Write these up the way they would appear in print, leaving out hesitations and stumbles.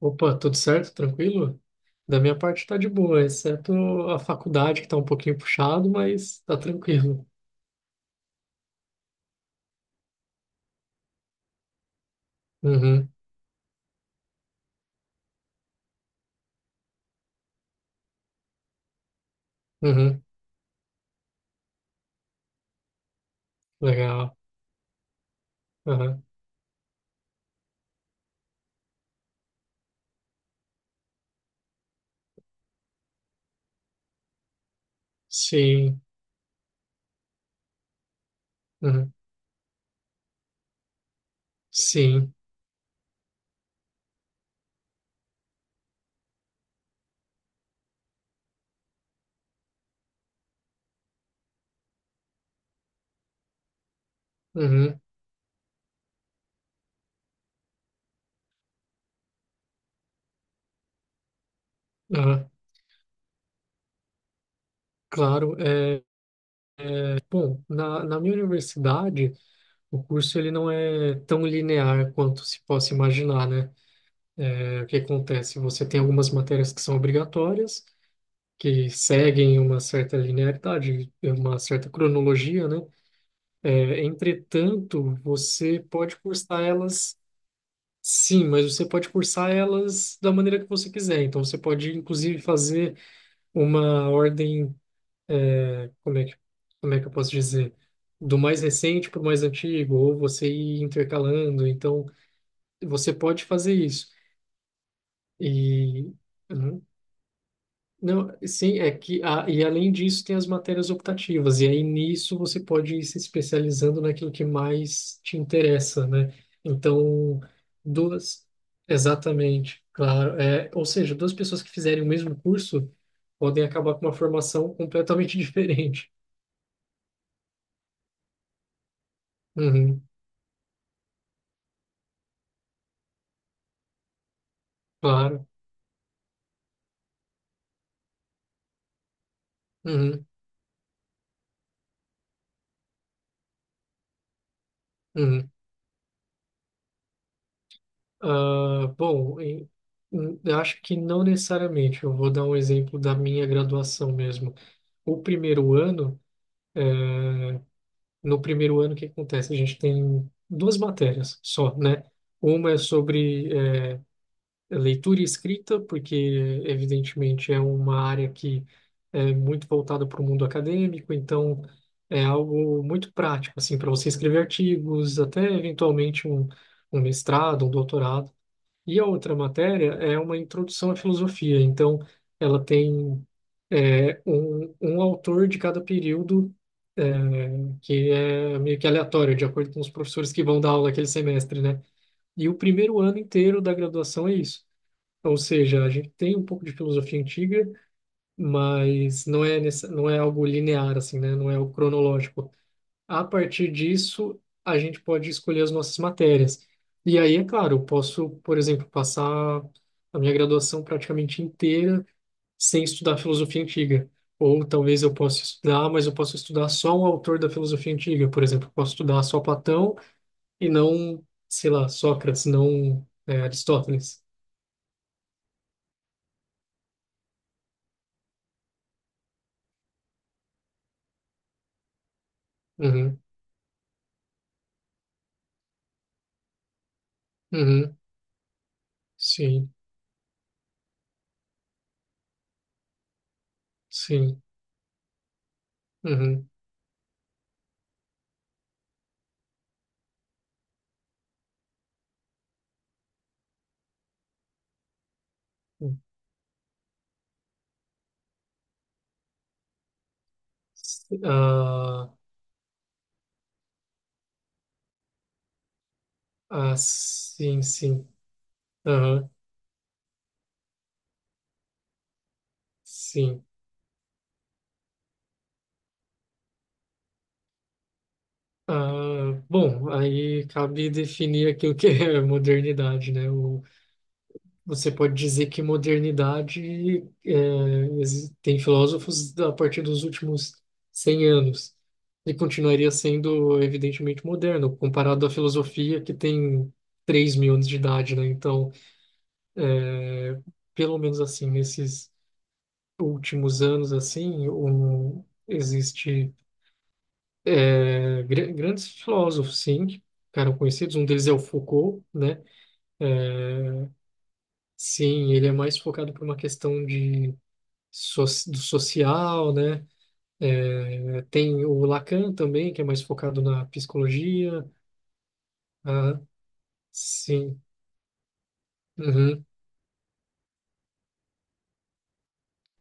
Opa, tudo certo? Tranquilo? Da minha parte tá de boa, exceto a faculdade que tá um pouquinho puxado, mas tá tranquilo. Uhum, uhum, legal. Uhum, sim, uhum, sim, uhum, uhum, claro. É, bom, na minha universidade, o curso ele não é tão linear quanto se possa imaginar, né? É, o que acontece? Você tem algumas matérias que são obrigatórias, que seguem uma certa linearidade, uma certa cronologia, né? É, entretanto, você pode cursar elas, sim, mas você pode cursar elas da maneira que você quiser. Então, você pode, inclusive, fazer uma ordem, como é que, como é que eu posso dizer? Do mais recente para o mais antigo, ou você ir intercalando. Então, você pode fazer isso. E hum, não, sim, é que e além disso tem as matérias optativas, e aí nisso você pode ir se especializando naquilo que mais te interessa, né? Então, duas, exatamente, claro. É, ou seja, duas pessoas que fizerem o mesmo curso podem acabar com uma formação completamente diferente. Uhum, claro. Uhum, uhum. Ah, bom, eu acho que não necessariamente. Eu vou dar um exemplo da minha graduação mesmo. O primeiro ano. No primeiro ano, o que acontece? A gente tem duas matérias só, né? Uma é sobre leitura e escrita, porque, evidentemente, é uma área que é muito voltada para o mundo acadêmico, então é algo muito prático, assim, para você escrever artigos, até eventualmente um mestrado, um doutorado. E a outra matéria é uma introdução à filosofia. Então, ela tem um autor de cada período, é, que é meio que aleatório, de acordo com os professores que vão dar aula aquele semestre, né? E o primeiro ano inteiro da graduação é isso. Ou seja, a gente tem um pouco de filosofia antiga, mas não é, nessa, não é algo linear, assim, né? Não é o cronológico. A partir disso, a gente pode escolher as nossas matérias. E aí, é claro, eu posso, por exemplo, passar a minha graduação praticamente inteira sem estudar filosofia antiga. Ou talvez eu possa estudar, mas eu posso estudar só um autor da filosofia antiga. Por exemplo, eu posso estudar só Platão e não, sei lá, Sócrates, não, Aristóteles. Uhum, uhum, sim, sim, uhum. Ah, ah, sim, sim, aham, sim. Ah, bom, aí cabe definir aqui o que é modernidade, né? Você pode dizer que modernidade é, tem filósofos a partir dos últimos 100 anos e continuaria sendo evidentemente moderno, comparado à filosofia que tem 3000 anos de idade, né? Então, pelo menos assim, nesses últimos anos, assim, existe grandes filósofos, sim, que ficaram conhecidos. Um deles é o Foucault, né? É, sim, ele é mais focado por uma questão de so- do social, né? É, tem o Lacan também, que é mais focado na psicologia. Ah, sim. Uhum.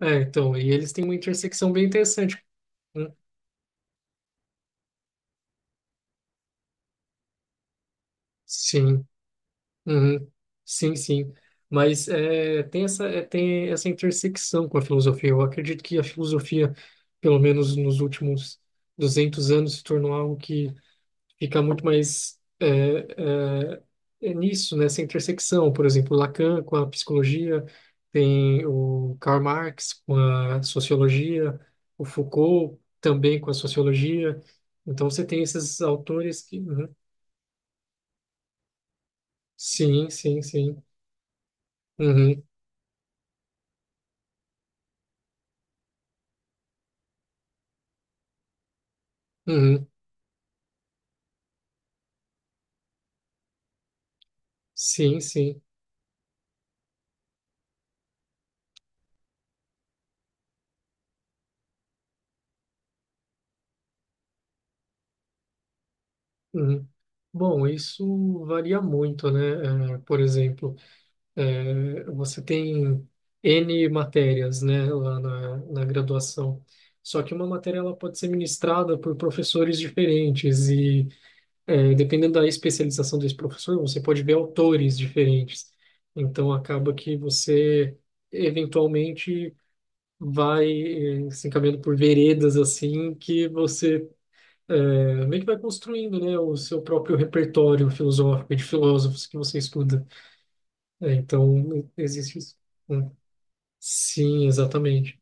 É, então, e eles têm uma intersecção bem interessante. Hum, Sim. Uhum. Sim, sim. Mas é, tem essa intersecção com a filosofia. Eu acredito que a filosofia, pelo menos nos últimos 200 anos, se tornou algo que fica muito mais é, é nisso, nessa intersecção. Por exemplo, Lacan com a psicologia, tem o Karl Marx com a sociologia, o Foucault também com a sociologia. Então você tem esses autores que. Uhum. Sim, sim, sim. Uhum, uhum. Sim, sim. Uhum. Bom, isso varia muito, né? É, por exemplo. É, você tem N matérias, né, lá na graduação. Só que uma matéria ela pode ser ministrada por professores diferentes e dependendo da especialização desse professor, você pode ver autores diferentes. Então acaba que você eventualmente vai se encaminhando por veredas assim que você meio que vai construindo, né, o seu próprio repertório filosófico e de filósofos que você estuda. É, então existe isso, né? Sim, exatamente.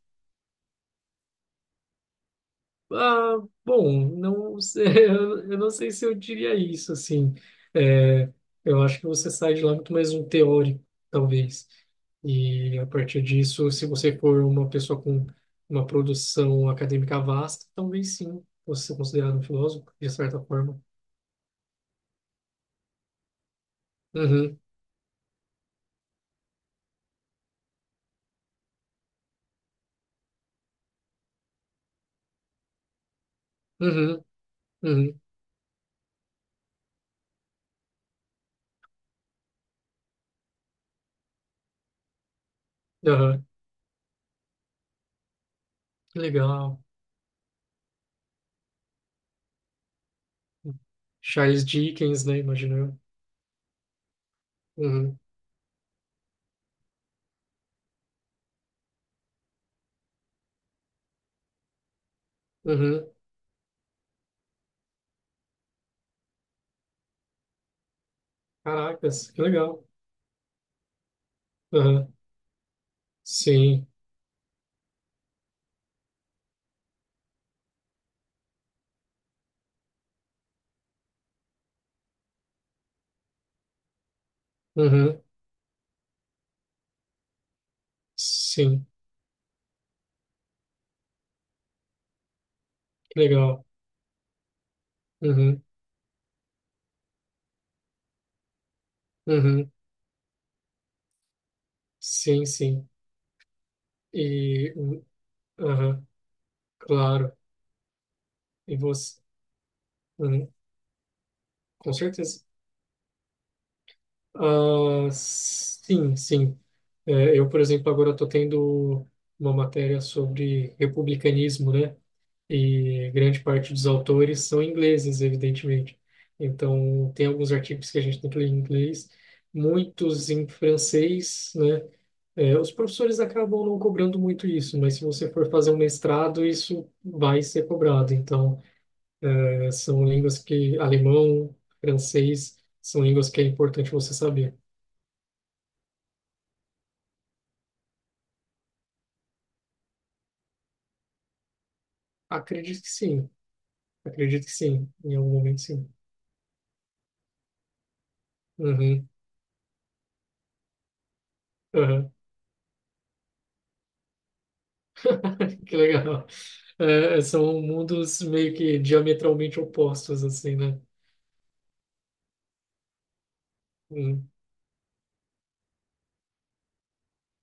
Ah, bom, não sei, eu não sei se eu diria isso, assim. É, eu acho que você sai de lá muito mais um teórico, talvez. E a partir disso, se você for uma pessoa com uma produção acadêmica vasta, talvez sim, você ser considerado um filósofo, de certa forma. Uhum, uhum, uhum, aham. Legal. Charles Dickens, né? Imagino eu. Uhum, uhum. Caracas, que legal. Aham, sim. Uhum, sim, que legal. Uhum, uhum, sim, sim. E, aham, claro. E você, uhum, com certeza. Ah, sim, sim. É, eu, por exemplo, agora estou tendo uma matéria sobre republicanismo, né? E grande parte dos autores são ingleses, evidentemente. Então, tem alguns artigos que a gente tem que ler em inglês, muitos em francês, né? É, os professores acabam não cobrando muito isso, mas se você for fazer um mestrado, isso vai ser cobrado. Então, alemão, francês, são línguas que é importante você saber. Acredito que sim, acredito que sim, em algum momento sim. Uhum, uhum. Que legal. É, são mundos meio que diametralmente opostos, assim, né? Uhum,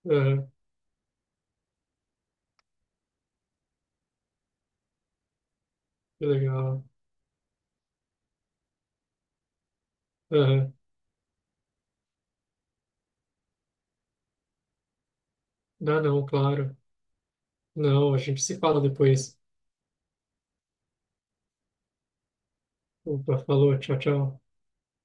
uhum, que legal. Uhum. Ah, não, claro. Não, a gente se fala depois. Opa, falou, tchau, tchau.